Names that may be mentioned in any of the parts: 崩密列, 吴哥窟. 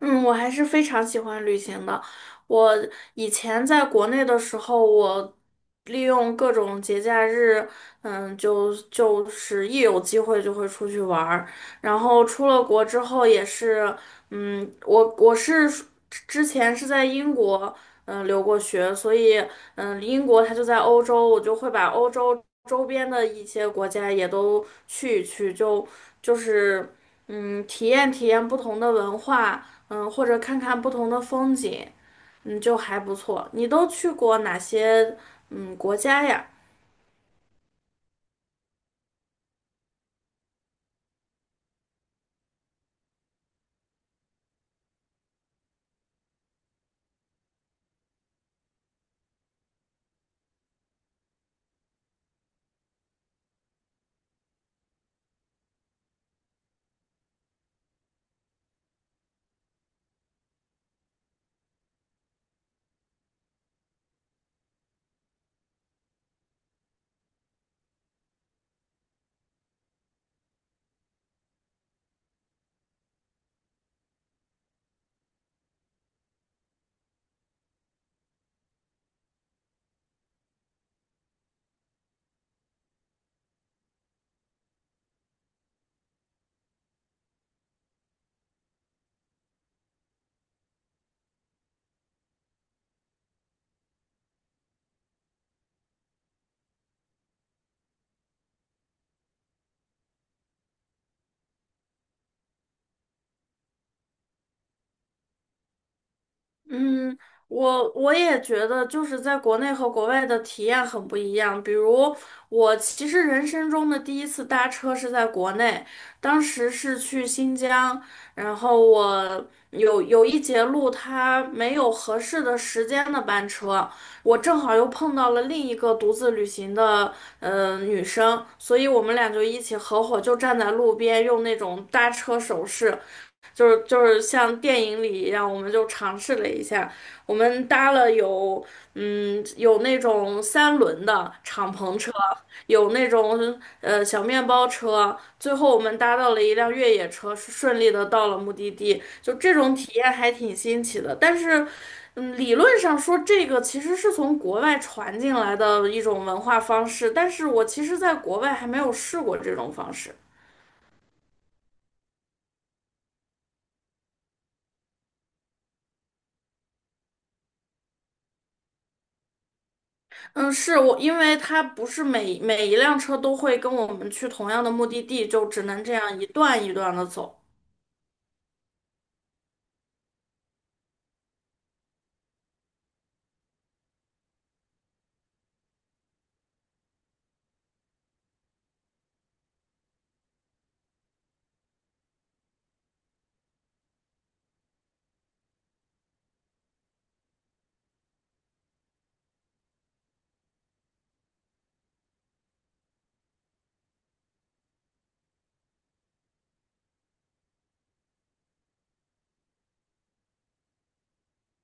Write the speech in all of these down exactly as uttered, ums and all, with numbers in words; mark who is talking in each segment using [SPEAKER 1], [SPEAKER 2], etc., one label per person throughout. [SPEAKER 1] 嗯，我还是非常喜欢旅行的。我以前在国内的时候，我利用各种节假日，嗯，就就是一有机会就会出去玩儿。然后出了国之后也是，嗯，我我是之前是在英国，嗯，留过学，所以，嗯，英国它就在欧洲，我就会把欧洲周边的一些国家也都去一去，就就是。嗯，体验体验不同的文化，嗯，或者看看不同的风景，嗯，就还不错。你都去过哪些嗯国家呀？嗯，我我也觉得，就是在国内和国外的体验很不一样。比如，我其实人生中的第一次搭车是在国内，当时是去新疆，然后我有有一节路它没有合适的时间的班车，我正好又碰到了另一个独自旅行的呃女生，所以我们俩就一起合伙就站在路边用那种搭车手势。就是就是像电影里一样，我们就尝试了一下，我们搭了有嗯有那种三轮的敞篷车，有那种呃小面包车，最后我们搭到了一辆越野车，顺利的到了目的地，就这种体验还挺新奇的，但是。嗯，理论上说，这个其实是从国外传进来的一种文化方式，但是我其实在国外还没有试过这种方式。嗯，是我，因为它不是每每一辆车都会跟我们去同样的目的地，就只能这样一段一段的走。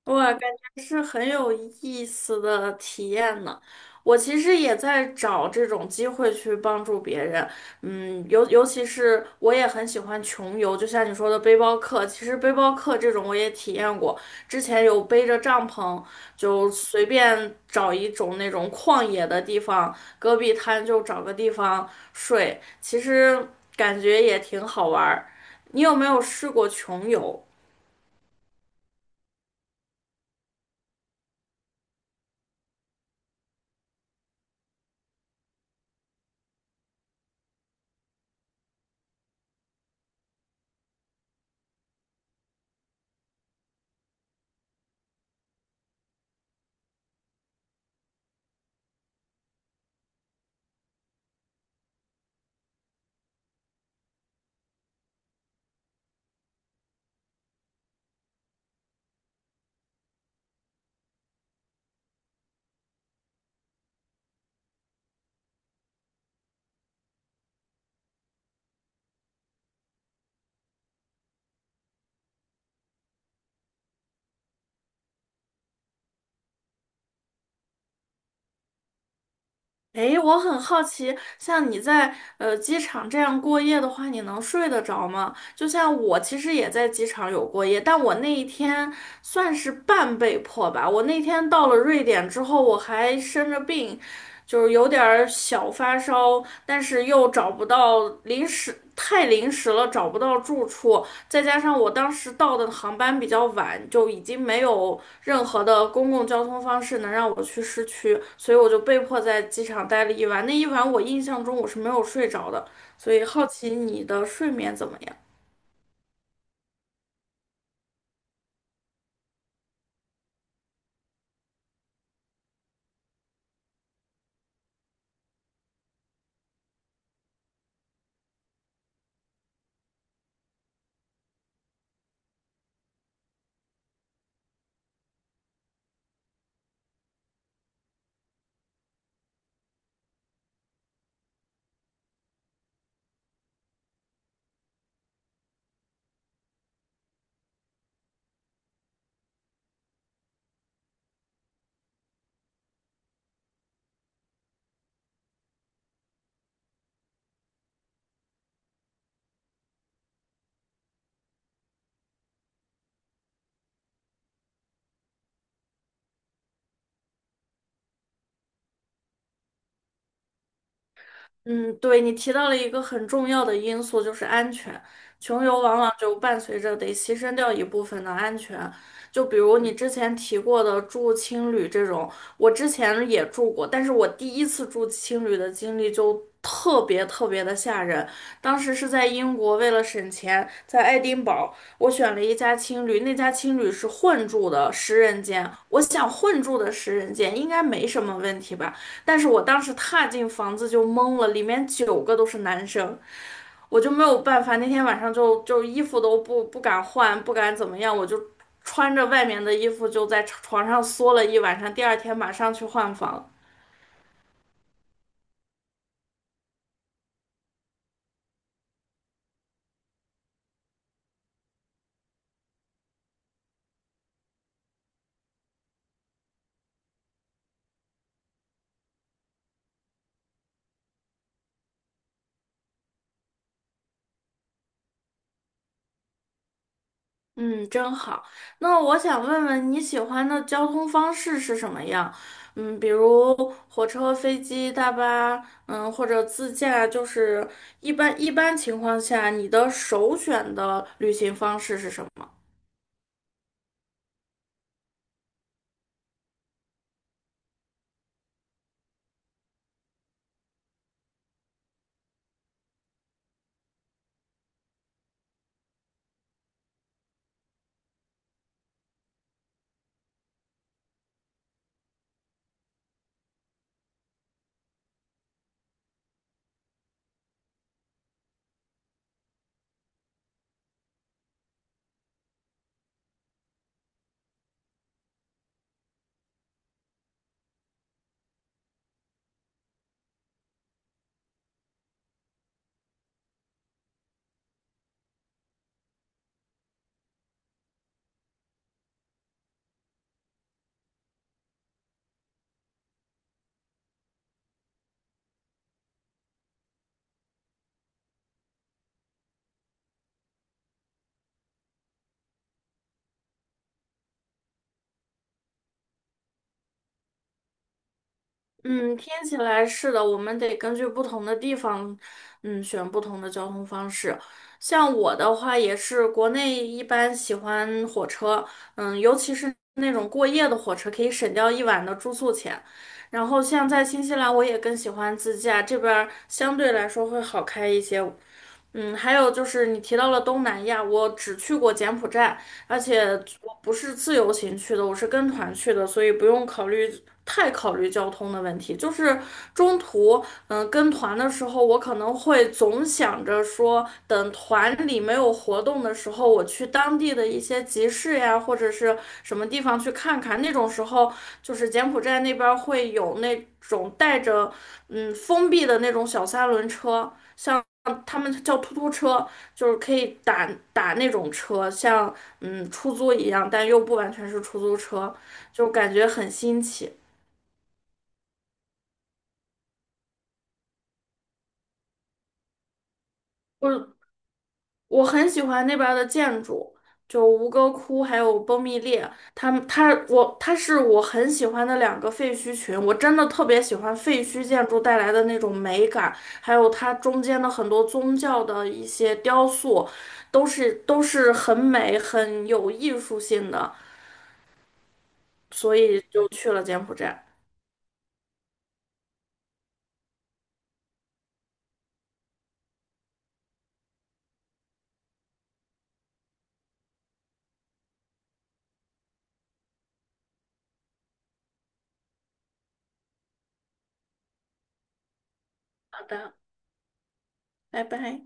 [SPEAKER 1] 哇，感觉是很有意思的体验呢。我其实也在找这种机会去帮助别人，嗯，尤尤其是我也很喜欢穷游，就像你说的背包客，其实背包客这种我也体验过，之前有背着帐篷，就随便找一种那种旷野的地方，戈壁滩就找个地方睡，其实感觉也挺好玩儿。你有没有试过穷游？诶，我很好奇，像你在呃机场这样过夜的话，你能睡得着吗？就像我其实也在机场有过夜，但我那一天算是半被迫吧。我那天到了瑞典之后，我还生着病，就是有点儿小发烧，但是又找不到临时，太临时了，找不到住处，再加上我当时到的航班比较晚，就已经没有任何的公共交通方式能让我去市区，所以我就被迫在机场待了一晚。那一晚我印象中我是没有睡着的，所以好奇你的睡眠怎么样？嗯，对，你提到了一个很重要的因素，就是安全。穷游往往就伴随着得牺牲掉一部分的安全，就比如你之前提过的住青旅这种，我之前也住过，但是我第一次住青旅的经历就特别特别的吓人。当时是在英国，为了省钱，在爱丁堡，我选了一家青旅，那家青旅是混住的十人间，我想混住的十人间应该没什么问题吧。但是我当时踏进房子就懵了，里面九个都是男生，我就没有办法。那天晚上就就衣服都不不敢换，不敢怎么样，我就穿着外面的衣服就在床上缩了一晚上。第二天马上去换房，嗯，真好。那我想问问你喜欢的交通方式是什么样？嗯，比如火车、飞机、大巴，嗯，或者自驾，就是一般一般情况下，你的首选的旅行方式是什么？嗯，听起来是的，我们得根据不同的地方，嗯，选不同的交通方式。像我的话，也是国内一般喜欢火车，嗯，尤其是那种过夜的火车，可以省掉一晚的住宿钱。然后像在新西兰，我也更喜欢自驾，这边儿相对来说会好开一些。嗯，还有就是你提到了东南亚，我只去过柬埔寨，而且我不是自由行去的，我是跟团去的，所以不用考虑太考虑交通的问题。就是中途嗯，跟团的时候，我可能会总想着说，等团里没有活动的时候，我去当地的一些集市呀，或者是什么地方去看看。那种时候，就是柬埔寨那边儿会有那种带着嗯封闭的那种小三轮车，像他们叫突突车，就是可以打打那种车，像嗯出租一样，但又不完全是出租车，就感觉很新奇。就是我很喜欢那边儿的建筑，就吴哥窟还有崩密列，他们他我他是我很喜欢的两个废墟群，我真的特别喜欢废墟建筑带来的那种美感，还有它中间的很多宗教的一些雕塑，都是都是很美很有艺术性的，所以就去了柬埔寨。好的，拜拜。